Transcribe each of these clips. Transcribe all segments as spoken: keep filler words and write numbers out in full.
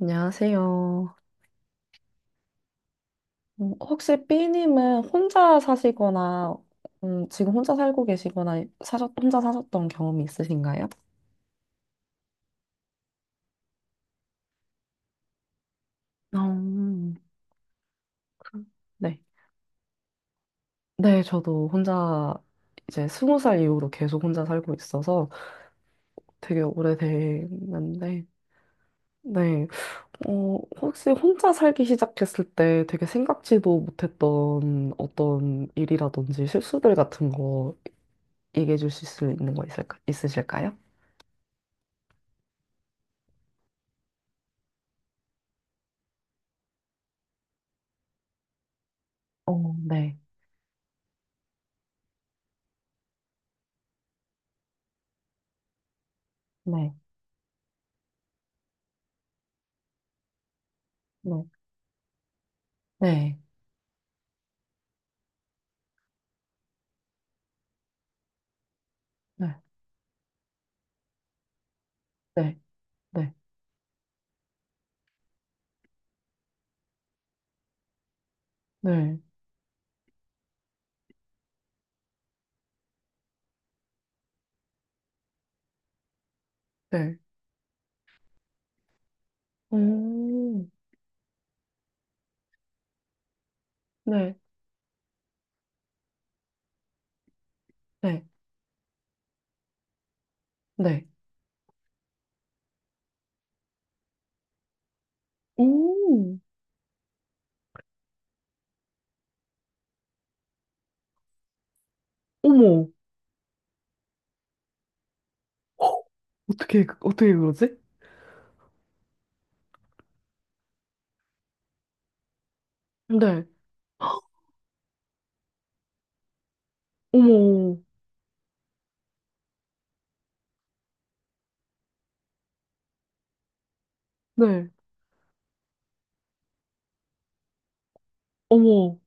안녕하세요. 음, 혹시 B님은 혼자 사시거나, 음, 지금 혼자 살고 계시거나, 사셨, 혼자 사셨던 경험이 있으신가요? 어, 그, 네. 네, 저도 혼자 이제 스무 살 이후로 계속 혼자 살고 있어서 되게 오래됐는데, 네. 어, 혹시 혼자 살기 시작했을 때 되게 생각지도 못했던 어떤 일이라든지 실수들 같은 거 얘기해 주실 수 있는 거 있을까, 있으실까요? 어, 네. 네, 네, 네, 네, 네, 네, 네, 네. 오, 네, 네, 네. 오, 어머, 헉, 어떻게, 그- 어떻게 그러지? 네, 어머, 네, 어머.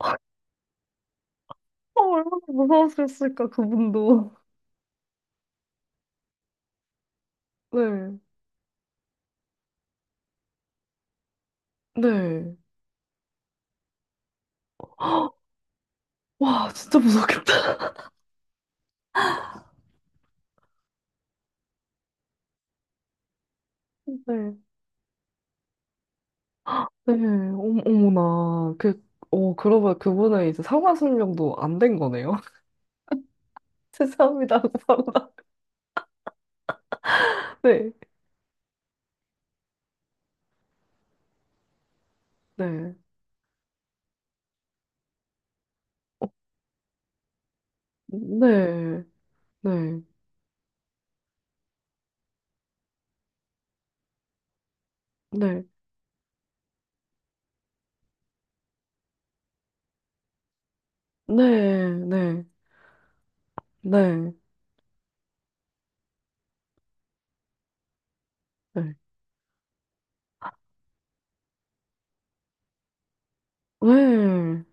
아, 얼마나 무서웠을까, 그분도. 네, 네. 와, 진짜 무섭겠다. 네, 네, 어머, 어머나. 그, 어, 그러보 그분은 이제 상하 수명도 안 된 거네요. 죄송합니다. 감사합니다. 네, 네. 네, 네, 네, 네, 네, 네, 네, 네.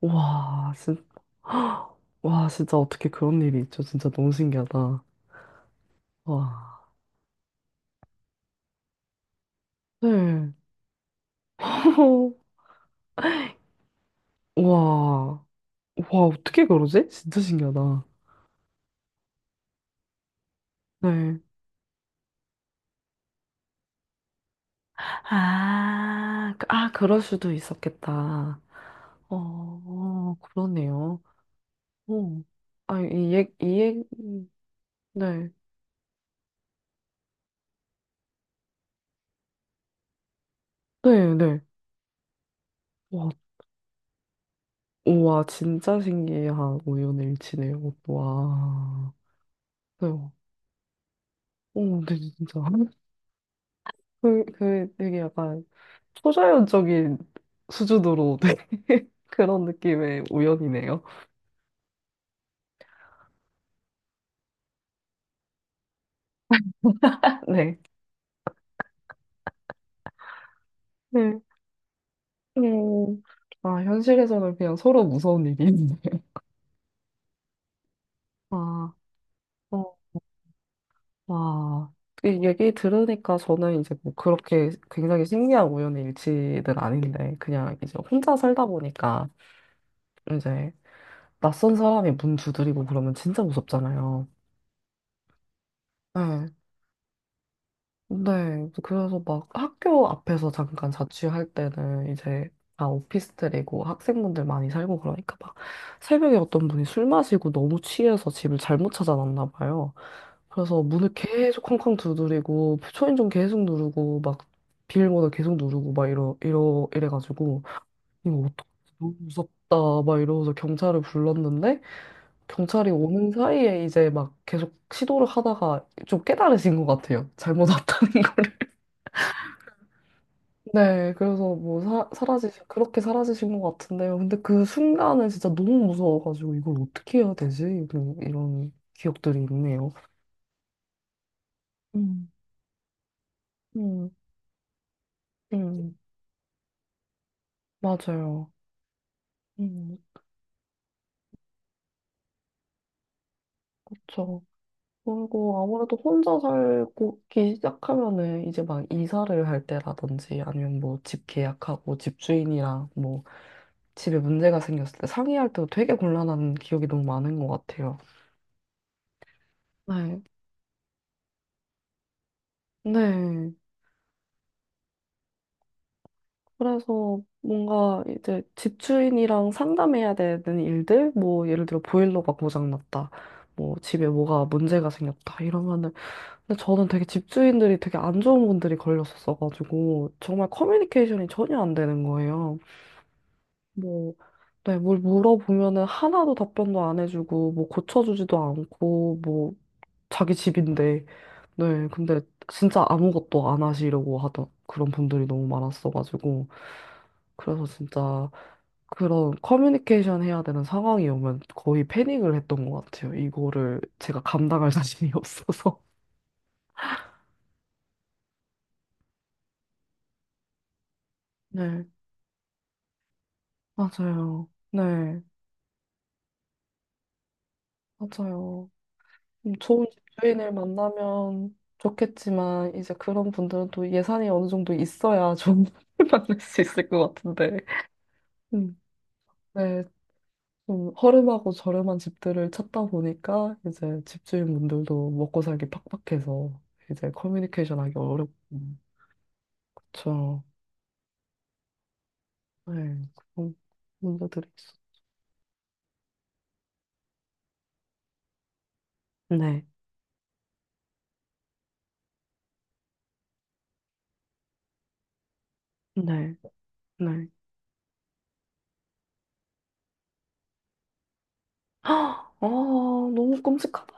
와, 진, 와, 진짜 어떻게 그런 일이 있죠? 진짜 너무 신기하다. 와, 네. 와, 와, 어떻게 그러지? 진짜 신기하다. 네. 아, 그- 아, 그럴 수도 있었겠다. 어, 그러네요. 어, 아, 이 얘, 이 얘, 네, 네, 네. 와, 우와, 진짜 신기한 우연일치네요. 와. 그래요. 어, 근데 진짜. 그, 그 되게 약간 초자연적인 수준으로 되게 그런 느낌의 우연이네요. 네. 네. 음. 아, 현실에서는 그냥 서로 무서운 일인데. 와, 어, 와. 이 얘기 들으니까 저는 이제 뭐 그렇게 굉장히 신기한 우연의 일치는 아닌데, 그냥 이제 혼자 살다 보니까 이제 낯선 사람이 문 두드리고 그러면 진짜 무섭잖아요. 네. 네. 그래서 막 학교 앞에서 잠깐 자취할 때는 이제 다 오피스텔이고 학생분들 많이 살고 그러니까 막 새벽에 어떤 분이 술 마시고 너무 취해서 집을 잘못 찾아놨나 봐요. 그래서 문을 계속 쾅쾅 두드리고 초인종 계속 누르고 막 비밀번호 계속 누르고 막 이러 이러 이래가지고 이거 어떡해, 너무 무섭다. 막 이러면서 경찰을 불렀는데, 경찰이 오는 사이에 이제 막 계속 시도를 하다가 좀 깨달으신 것 같아요. 잘못 왔다는 거를. 네, 그래서 뭐 사, 사라지신, 그렇게 사라지신 것 같은데요. 근데 그 순간은 진짜 너무 무서워가지고 이걸 어떻게 해야 되지? 이런, 이런 기억들이 있네요. 음, 음, 음, 맞아요. 음, 그쵸. 그리고 아무래도 혼자 살기 시작하면은 이제 막 이사를 할 때라든지 아니면 뭐 집 계약하고 집주인이랑 뭐 집에 문제가 생겼을 때 상의할 때도 되게 곤란한 기억이 너무 많은 것 같아요. 네. 네. 그래서 뭔가 이제 집주인이랑 상담해야 되는 일들, 뭐 예를 들어 보일러가 고장났다, 뭐 집에 뭐가 문제가 생겼다 이러면은 근데 저는 되게 집주인들이 되게 안 좋은 분들이 걸렸었어가지고, 정말 커뮤니케이션이 전혀 안 되는 거예요. 뭐, 네, 뭘 물어보면은 하나도 답변도 안 해주고, 뭐 고쳐주지도 않고, 뭐, 자기 집인데, 네, 근데 진짜 아무것도 안 하시려고 하던 그런 분들이 너무 많았어가지고, 그래서 진짜 그런 커뮤니케이션 해야 되는 상황이 오면 거의 패닉을 했던 것 같아요. 이거를 제가 감당할 자신이 없어서. 네. 맞아요. 네, 맞아요. 좀 좋은 집주인을 만나면 좋겠지만, 이제 그런 분들은 또 예산이 어느 정도 있어야 좋은 분을 만날 수 있을 것 같은데. 음, 네, 좀 허름하고 저렴한 집들을 찾다 보니까, 이제 집주인분들도 먹고 살기 팍팍해서, 이제 커뮤니케이션 하기 어렵고. 그쵸. 네, 그런 문제들이 있어. 네, 네, 네. 아, 너무 끔찍하다.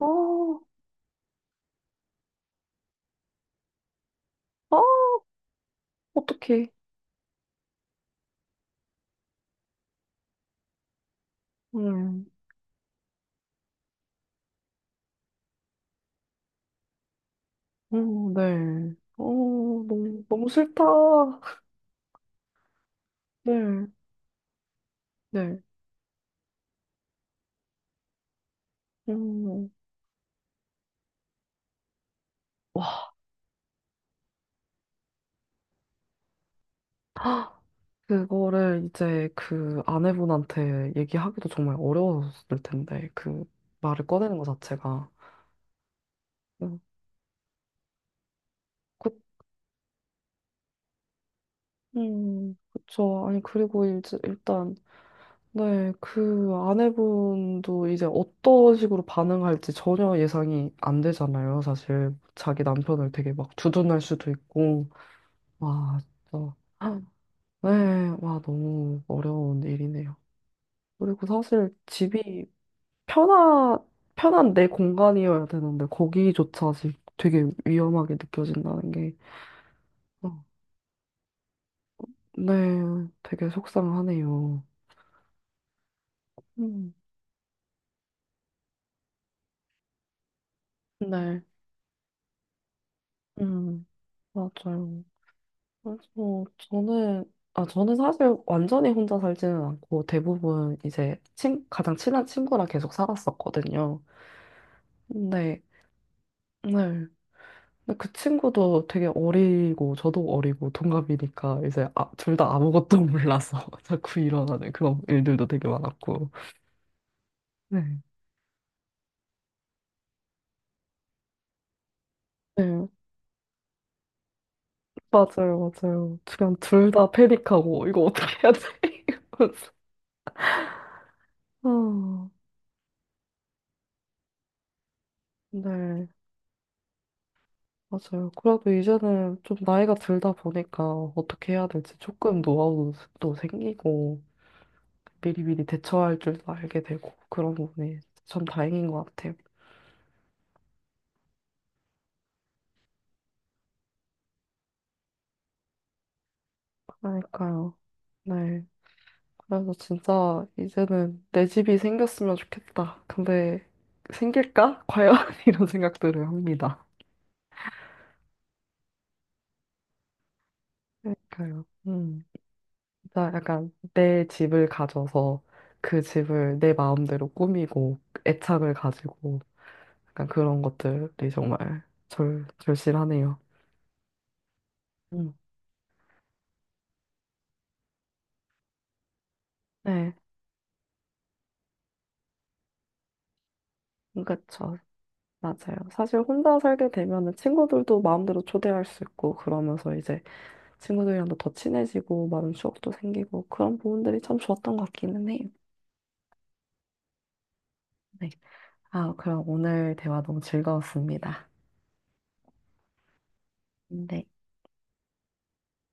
아, 아. 어떡해. 음, 음, 네. 어, 너무, 너무 싫다. 네, 네. 음, 와, 그거를 이제 그 아내분한테 얘기하기도 정말 어려웠을 텐데, 그 말을 꺼내는 것 자체가. 음, 그, 음, 그쵸. 아니, 그리고 이제 일단, 네, 그 아내분도 이제 어떤 식으로 반응할지 전혀 예상이 안 되잖아요, 사실. 자기 남편을 되게 막 주둔할 수도 있고. 와, 진짜. 네, 와, 너무 어려운 일이네요. 그리고 사실 집이 편한, 편한 내 공간이어야 되는데, 거기조차 지금 되게 위험하게 느껴진다는 게, 어, 네, 되게 속상하네요. 음, 네, 음, 맞아요. 그래서 저는, 아, 저는 사실 완전히 혼자 살지는 않고, 대부분 이제 친, 가장 친한 친구랑 계속 살았었거든요. 네, 네. 근데 그 친구도 되게 어리고 저도 어리고 동갑이니까 이제 아, 둘 다 아무것도 몰라서 자꾸 일어나는 그런 일들도 되게 많았고. 네. 네, 맞아요, 맞아요. 그냥 둘 다 패닉하고 이거 어떻게 해야 돼? 이러면서. 아, 네, 맞아요. 그래도 이제는 좀 나이가 들다 보니까 어떻게 해야 될지 조금 노하우도 생기고 미리미리 대처할 줄도 알게 되고 그런 부분이 참 다행인 것 같아요. 그러니까요. 네. 그래서 진짜 이제는 내 집이 생겼으면 좋겠다. 근데 생길까? 과연? 이런 생각들을 합니다. 그러니까요. 음. 진짜 약간 내 집을 가져서 그 집을 내 마음대로 꾸미고 애착을 가지고 약간 그런 것들이 정말 절, 절실하네요. 음. 네, 그렇죠. 맞아요. 사실 혼자 살게 되면은 친구들도 마음대로 초대할 수 있고 그러면서 이제 친구들이랑도 더 친해지고 많은 추억도 생기고 그런 부분들이 참 좋았던 것 같기는 해요. 네. 아, 그럼 오늘 대화 너무 즐거웠습니다. 네.